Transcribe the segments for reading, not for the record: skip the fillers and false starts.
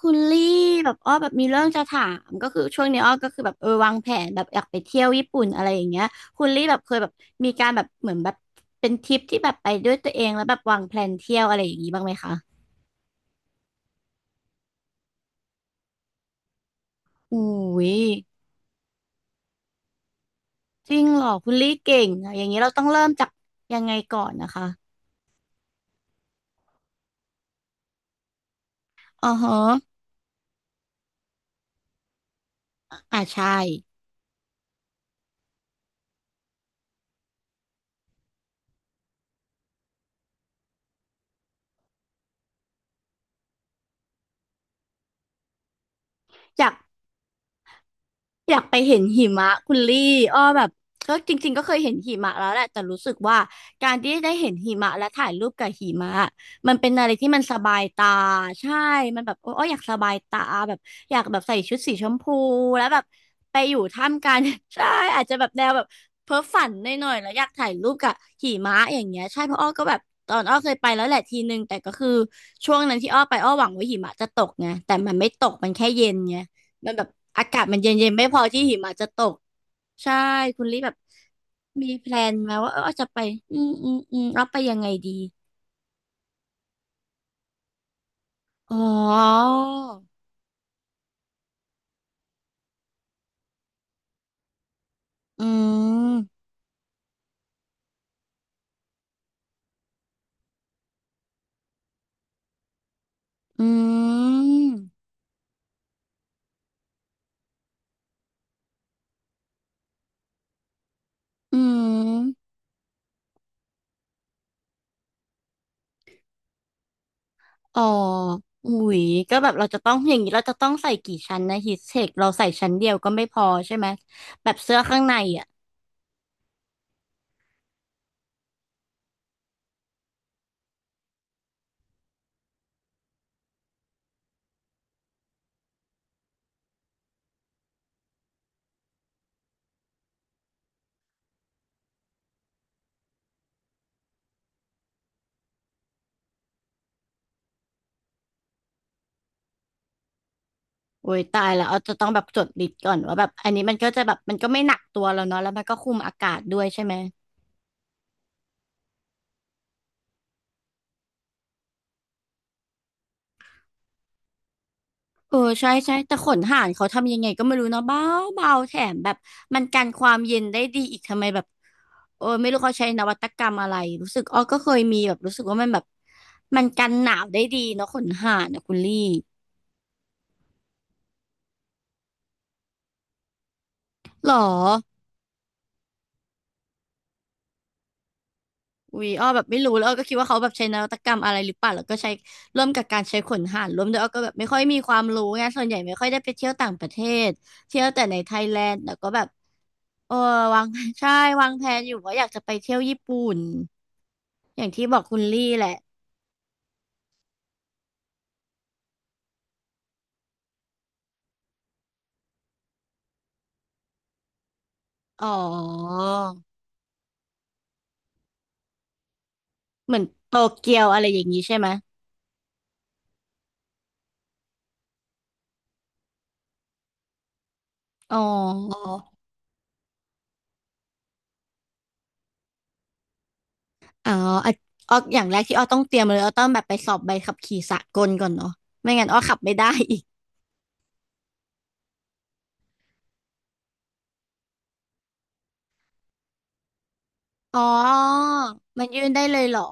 คุณลี่แบบอ้อแบบมีเรื่องจะถามก็คือช่วงนี้อ้อก็คือแบบเออวางแผนแบบอยากไปเที่ยวญี่ปุ่นอะไรอย่างเงี้ยคุณลี่แบบเคยแบบมีการแบบเหมือนแบบเป็นทริปที่แบบไปด้วยตัวเองแล้วแบบวางแพลนเที่ยวอะไรอย่างงี้บ้างไหมคะอุ้ยจริงเหรอคุณลี่เก่งอะอย่างนี้เราต้องเริ่มจากยังไงก่อนนะคะอ๋อฮะอ่าใช่อยาก อยากไปเห็นหิมะคุณลี่อ้อแบบก็จริงๆก็เคยเห็นหิมะแล้วแหละแต่รู้สึกว่าการที่ได้เห็นหิมะและถ่ายรูปกับหิมะมันเป็นอะไรที่มันสบายตาใช่มันแบบโอ้ออยากสบายตาแบบอยากแบบใส่ชุดสีชมพูแล้วแบบไปอยู่ท่ามกลาง ใช่อาจจะแบบแนวแบบเพ้อฝันหน่อยๆแล้วอยากถ่ายรูปกับหิมะอย่างเงี้ยใช่เพราะอ้อก็แบบตอนอ้อเคยไปแล้วแหละทีนึงแต่ก็คือช่วงนั้นที่อ้อไปอ้อหวังว่าหิมะจะตกไงแต่มันไม่ตกมันแค่เย็นไง มันแบบอากาศมันเย็นๆไม่พอที่หิมะจะตกใช่คุณลี่แบบมีแพลนไหมว่าเออจะไปอืมเราไปยังไงดีอ๋ออืมอืมอืมอ๋ออุ๊ยก็แบบเราจะต้องอย่างนี้เราจะต้องใส่กี่ชั้นนะฮีทเทคเราใส่ชั้นเดียวก็ไม่พอใช่ไหมแบบเสื้อข้างในอ่ะโอ้ยตายแล้วเราจะต้องแบบจดลิสต์ก่อนว่าแบบอันนี้มันก็จะแบบมันก็ไม่หนักตัวแล้วเนาะแล้วมันก็คุมอากาศด้วยใช่ไหม เออใช่ใช่แต่ขนห่านเขาทำยังไงก็ไม่รู้เนาะเบาเบาแถมแบบมันกันความเย็นได้ดีอีกทำไมแบบเออไม่รู้เขาใช้นวัตกรรมอะไรรู้สึกอ้อก็เคยมีแบบรู้สึกว่ามันแบบมันกันหนาวได้ดีเนาะขนห่านนะคุณลี่หรอวีอ้อแบบไม่รู้แล้วอ้อก็คิดว่าเขาแบบใช้นวัตกรรมอะไรหรือเปล่าแล้วก็ใช้ร่วมกับการใช้ขนห่านร่วมด้วยอ้อก็แบบไม่ค่อยมีความรู้ไงส่วนใหญ่ไม่ค่อยได้ไปเที่ยวต่างประเทศเที่ยวแต่ในไทยแลนด์แต่ก็แบบเออวาง ใช่วางแผนอยู่ว่าอยากจะไปเที่ยวญี่ปุ่น อย่างที่บอกคุณลี่แหละ อ๋อ เหมือนโตเกียวอะไรอย่างนี้ใช่ไหมอ๋ออ๋ออ่ะอ้ออย่างแรกที่อ้อต้องเตรียมเลยอ้อต้องแบบไปสอบใบขับขี่สากลก่อนเนาะไม่งั้นอ้อขับไม่ได้อีกอ๋อมันยื่นได้เลยเหรอ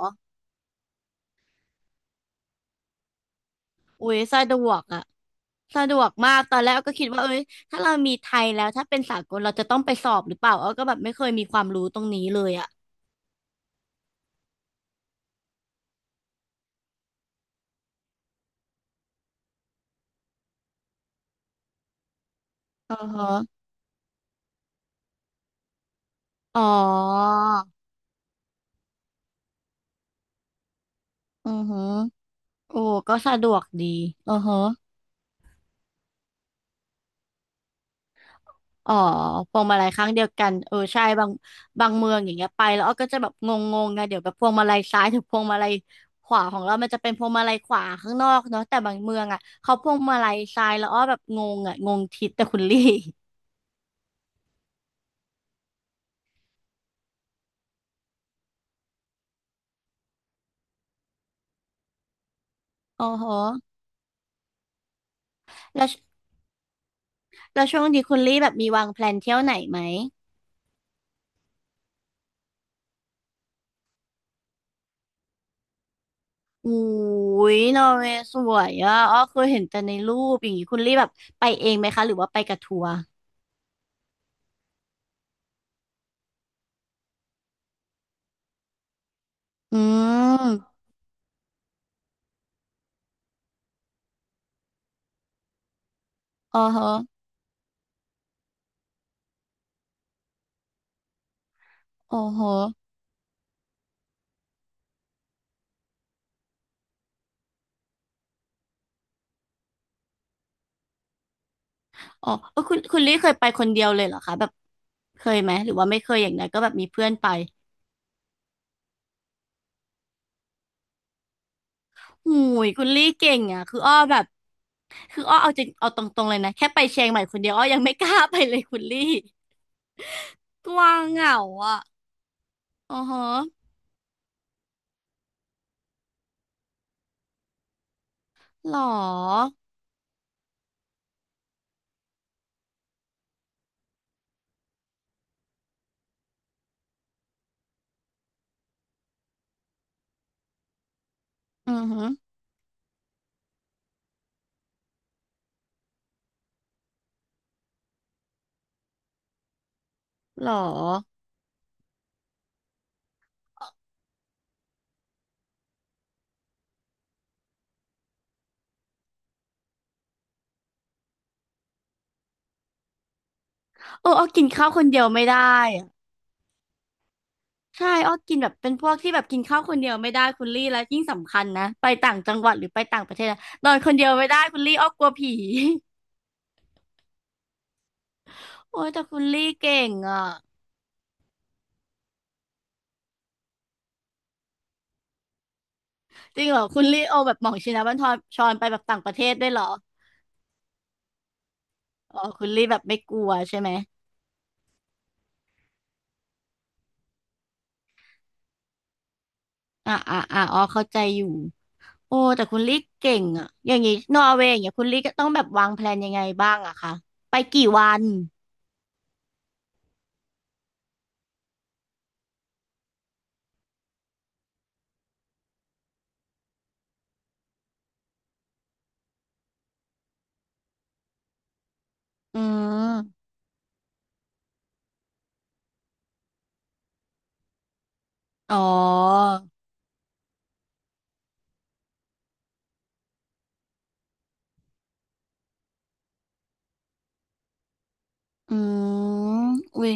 อุ้ยสะดวกอะสะดวกมากตอนแรกอ้อก็คิดว่าเอ้ยถ้าเรามีไทยแล้วถ้าเป็นสากลเราจะต้องไปสอบหรือเปล่าอ้อก็แบบไม่เคยมีความรู้ตรงนี้เลยอะอือฮะอ๋ออือฮะโอ้ก็สะดวกดีอือฮะ อ๋อพวงมาลัยครั้งเดียวกันเออใช่บางบางเมืองอย่างเงี้ยไปแล้วอ้อก็จะแบบงงๆไงเดี๋ยวแบบพวงมาลัยซ้ายถึงพวงมาลัยขวาของเรามันจะเป็นพวงมาลัยขวาข้างนอกเนาะแต่บางเมืองอ่ะเขาพวงมาลัยซ้ายแล้วอ้อแบบงงอ่ะงงทิศแต่คุณลี่ อ๋อโหแล้วแล้วช่วงนี้คุณลี่แบบมีวางแพลนเที่ยวไหนไหมอุ้ยนอร์เวย์สวยอ่ะอ้อเคยเห็นแต่ในรูปอย่างงี้คุณลี่แบบไปเองไหมคะหรือว่าไปกับทัวร์อืมอ๋อโหอ๋อโห อ๋อเออคุณคุณลี่เคยไปคนเดียวเลยเหรอคะแบบเคยไหมหรือว่าไม่เคยอย่างนั้นก็แบบมีเพื่อนไปหูยคุณลี่เก่งอ่ะคืออ้อแบบคืออ้อเอาจริงเอาตรงๆเลยนะแค่ไปเชียงใหม่คนเดียวอ้อยังไม่กล้าไปเลยคุณลี่กลัวเหงาอ่ะอ๋อฮะหรออือฮึหรอเอออ้อกินข้าวคนเดียวไม่ได้อะใช่อ้อกินแบบเป็นพวกที่แบบกินข้าวคนเดียวไม่ได้คุณลี่แล้วยิ่งสำคัญนะไปต่างจังหวัดหรือไปต่างประเทศนะนอนคนเดียวไม่ได้คุณลี่อ้อกลัวผี โอ้ยแต่คุณลี่เก่งอ่ะ จริงเหรอคุณลี่เอาแบบหม่องชินบัญชรชรไปแบบต่างประเทศด้วยเหรออ๋อคุณลี่แบบไม่กลัวใช่ไหมอ่าอ่าอ่าอ๋อเข้าใจอยู่โอ้แต่คุณลี่เก่งอ่ะอย่างงี้นอร์เวย์อย่างเงี้ยคุณลี่ก็ต้องแบบวางแพลนยังไงบ้างอะคะไปกี่วันอืมอ๋ออืมอุ้ย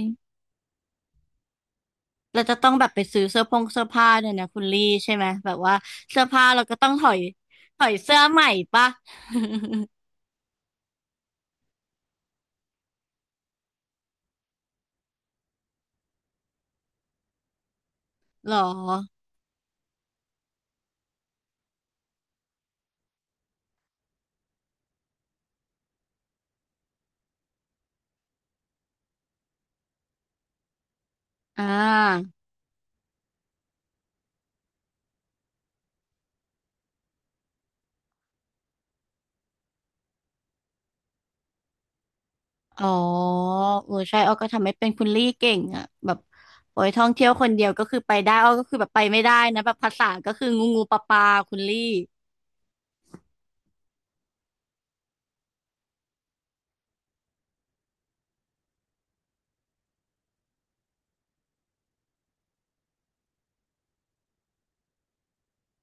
เราจะต้องแบบไปซื้อเสื้อผงเสื้อผ้าเนี่ยนะคุณลี่ใช่ไหมแบบว่าเสื้อผ้าเราก็ต้องถอยถอยเสื้อใหม่ปะ หรออ่า อ๋อเออใช่อ้อก็ทำไม่เป็นคุณลี่เก่งอ่ะแบบโอ้ยท่องเที่ยวคนเดียวก็คือไปได้อ้อก็คือแบบไปไม่ได้นะแบบภาษาก็คืองูงูปลาปลาคุณลี่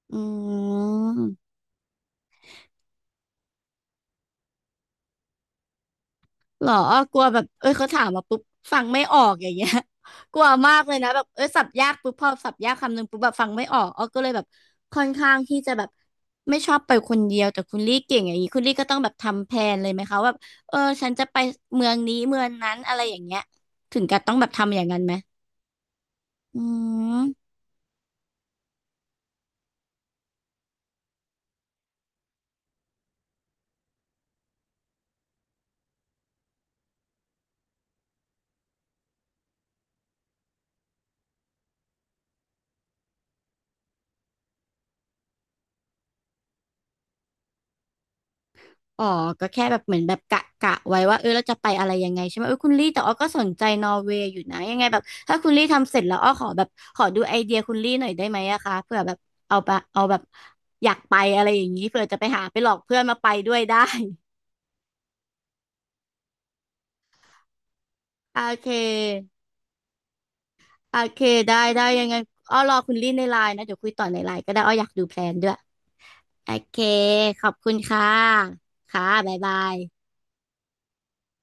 อืมเหรออ้อกลัวแบบเอ้ยเขาถามมาปุ๊บฟังไม่ออกอย่างเงี้ย กลัวมากเลยนะแบบเอ้ยสับยากปุ๊บพอสับยากคำหนึ่งปุ๊บแบบฟังไม่ออกอ้อก็เลยแบบค่อนข้างที่จะแบบไม่ชอบไปคนเดียวแต่คุณลี่เก่งอย่างนี้คุณลี่ก็ต้องแบบทำแผนเลยไหมคะว่าแบบเออฉันจะไปเมืองนี้เมืองนั้นอะไรอย่างเงี้ยถึงกับต้องแบบทำอย่างนั้นไหม อืมอ๋อ ก็แค่แบบเหมือนแบบกะกะไว้ว่าเออเราจะไปอะไรยังไงใช่ไหมเออคุณลี่แต่อ้อก็สนใจนอร์เวย์อยู่นะยังไงแบบถ้าคุณลี่ทำเสร็จแล้วอ้อขอแบบขอดูไอเดียคุณลี่หน่อยได้ไหมอะคะเผื่อแบบเอาไปเอาแบบอยากไปอะไรอย่างนี้เผื่อจะไปหาไปหลอกเพื่อนมาไปด้วยได้ โอเคโอเคได้ได้ยังไงอ้อรอคุณลี่ในไลน์นะเดี๋ยวคุยต่อในไลน์ก็ได้อ้ออยากดูแพลนด้วยโอเคขอบคุณค่ะค่ะบ๊ายบาย